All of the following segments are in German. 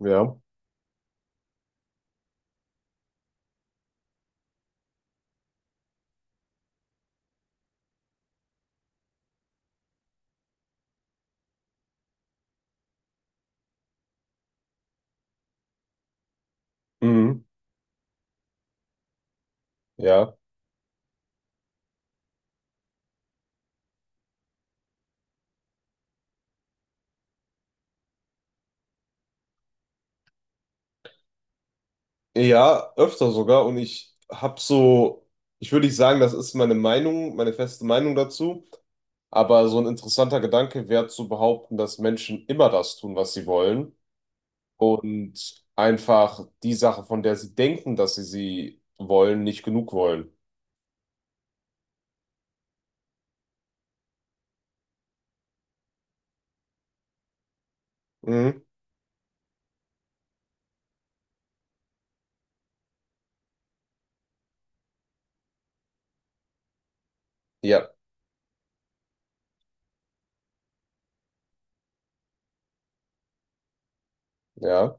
Ja. Mhm. Ja. Ja, öfter sogar. Und ich habe so, ich würde nicht sagen, das ist meine Meinung, meine feste Meinung dazu. Aber so ein interessanter Gedanke wäre zu behaupten, dass Menschen immer das tun, was sie wollen. Und einfach die Sache, von der sie denken, dass sie sie wollen, nicht genug wollen. Mhm. Ja, ja.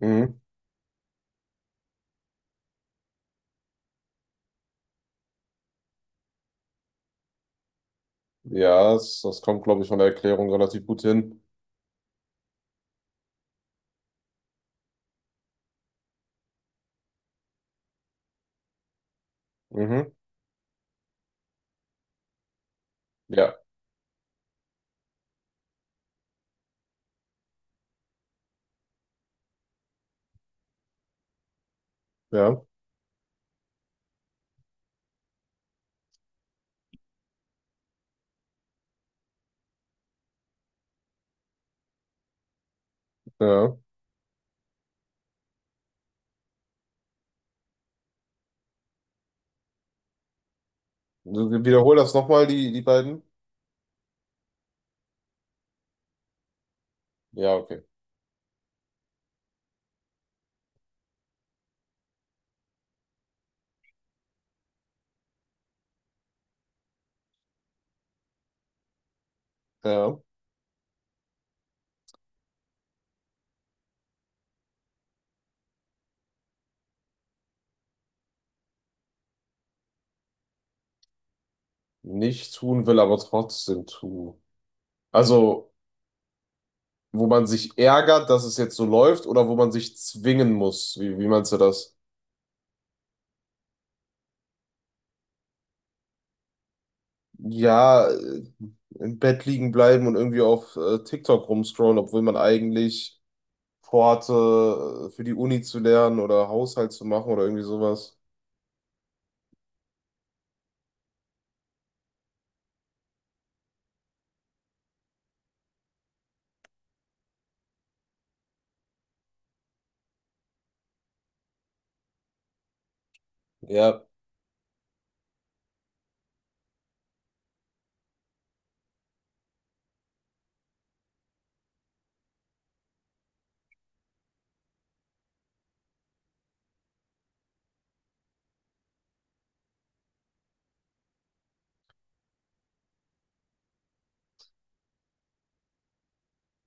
Mhm. Ja, das kommt, glaube ich, von der Erklärung relativ gut hin. Mhm. Ja, ja, ja. Wiederhol das nochmal, die beiden. Ja, okay. Ja, nicht tun will, aber trotzdem tue. Also, wo man sich ärgert, dass es jetzt so läuft, oder wo man sich zwingen muss. Wie meinst du das? Ja, im Bett liegen bleiben und irgendwie auf TikTok rumscrollen, obwohl man eigentlich vorhatte, für die Uni zu lernen oder Haushalt zu machen oder irgendwie sowas. Ja,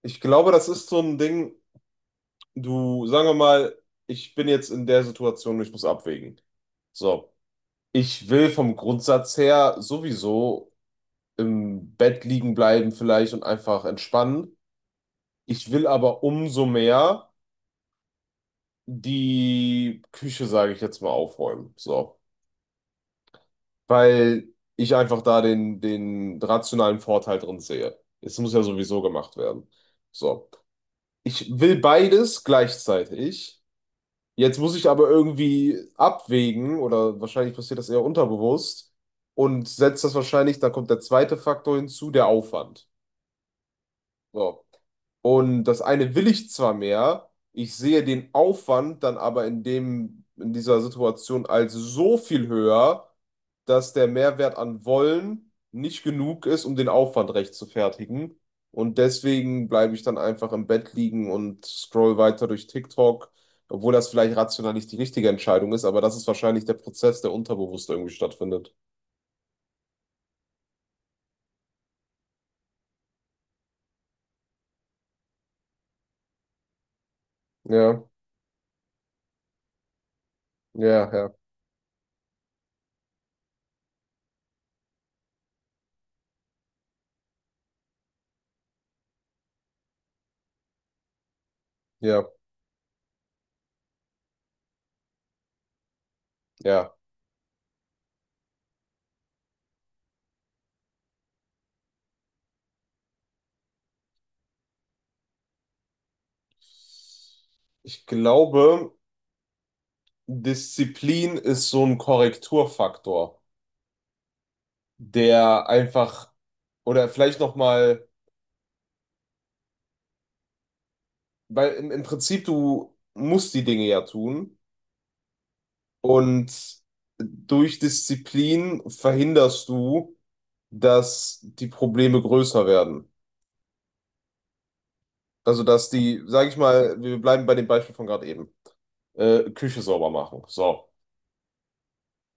ich glaube, das ist so ein Ding, du, sagen wir mal, ich bin jetzt in der Situation, ich muss abwägen. So. Ich will vom Grundsatz her sowieso im Bett liegen bleiben vielleicht und einfach entspannen. Ich will aber umso mehr die Küche, sage ich jetzt mal, aufräumen. So. Weil ich einfach da den rationalen Vorteil drin sehe. Es muss ja sowieso gemacht werden. So. Ich will beides gleichzeitig. Jetzt muss ich aber irgendwie abwägen, oder wahrscheinlich passiert das eher unterbewusst, und setzt das wahrscheinlich, da kommt der zweite Faktor hinzu, der Aufwand. So. Und das eine will ich zwar mehr, ich sehe den Aufwand dann aber in dem, in dieser Situation als so viel höher, dass der Mehrwert an Wollen nicht genug ist, um den Aufwand rechtfertigen. Und deswegen bleibe ich dann einfach im Bett liegen und scroll weiter durch TikTok, obwohl das vielleicht rational nicht die richtige Entscheidung ist, aber das ist wahrscheinlich der Prozess, der unterbewusst irgendwie stattfindet. Ja, ja, ja, ja, ja. Ich glaube. Disziplin ist so ein Korrekturfaktor, der einfach, oder vielleicht nochmal, weil im, im Prinzip du musst die Dinge ja tun und durch Disziplin verhinderst du, dass die Probleme größer werden. Also, dass die, sag ich mal, wir bleiben bei dem Beispiel von gerade eben, Küche sauber machen. So.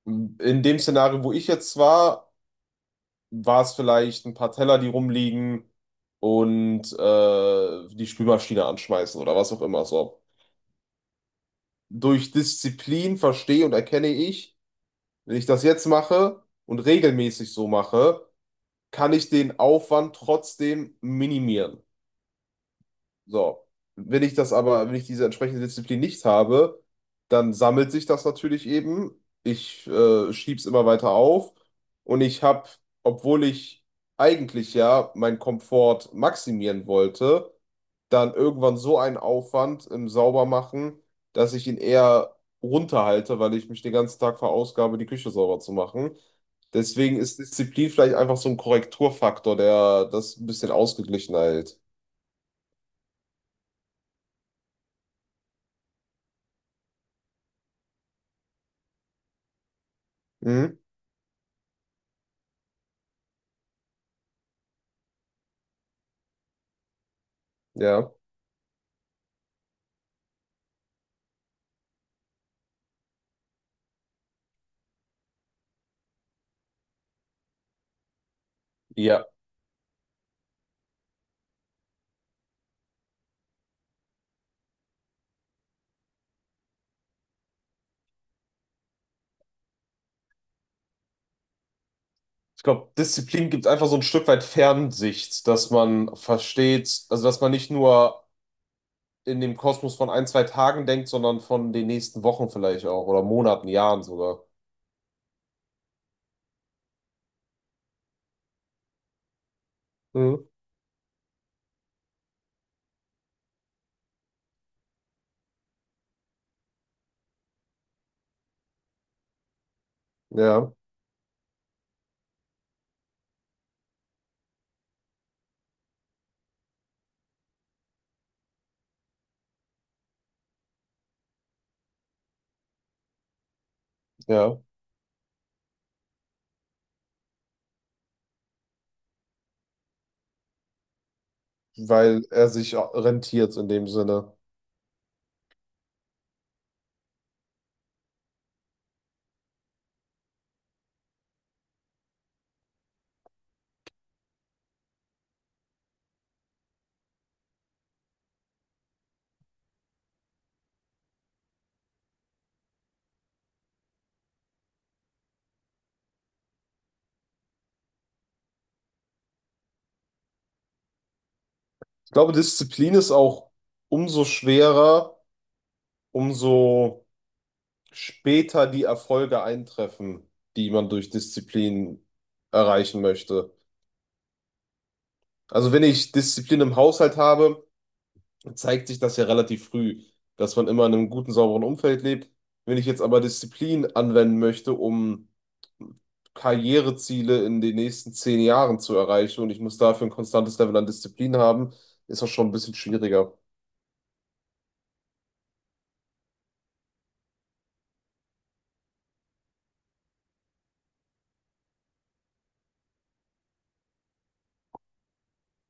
In dem Szenario, wo ich jetzt war, war es vielleicht ein paar Teller, die rumliegen und die Spülmaschine anschmeißen oder was auch immer so. Durch Disziplin verstehe und erkenne ich, wenn ich das jetzt mache und regelmäßig so mache, kann ich den Aufwand trotzdem minimieren. So, wenn ich das aber, wenn ich diese entsprechende Disziplin nicht habe, dann sammelt sich das natürlich eben. Ich schieb's immer weiter auf und ich habe, obwohl ich eigentlich ja meinen Komfort maximieren wollte, dann irgendwann so einen Aufwand im Saubermachen, dass ich ihn eher runterhalte, weil ich mich den ganzen Tag verausgabe, die Küche sauber zu machen. Deswegen ist Disziplin vielleicht einfach so ein Korrekturfaktor, der das ein bisschen ausgeglichen hält. Mhm. Ja. Ja, ich glaube, Disziplin gibt einfach so ein Stück weit Fernsicht, dass man versteht, also dass man nicht nur in dem Kosmos von ein, zwei Tagen denkt, sondern von den nächsten Wochen vielleicht auch oder Monaten, Jahren sogar. Mhm. Ja, ja, weil er sich rentiert in dem Sinne. Ich glaube, Disziplin ist auch umso schwerer, umso später die Erfolge eintreffen, die man durch Disziplin erreichen möchte. Also wenn ich Disziplin im Haushalt habe, zeigt sich das ja relativ früh, dass man immer in einem guten, sauberen Umfeld lebt. Wenn ich jetzt aber Disziplin anwenden möchte, um Karriereziele in den nächsten 10 Jahren zu erreichen und ich muss dafür ein konstantes Level an Disziplin haben, ist das schon ein bisschen schwieriger.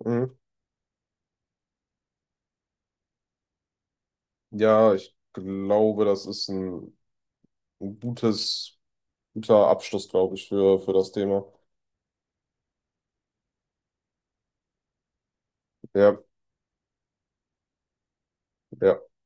Mhm. Ja, ich glaube, das ist ein gutes, guter Abschluss, glaube ich, für das Thema. Ja, ja.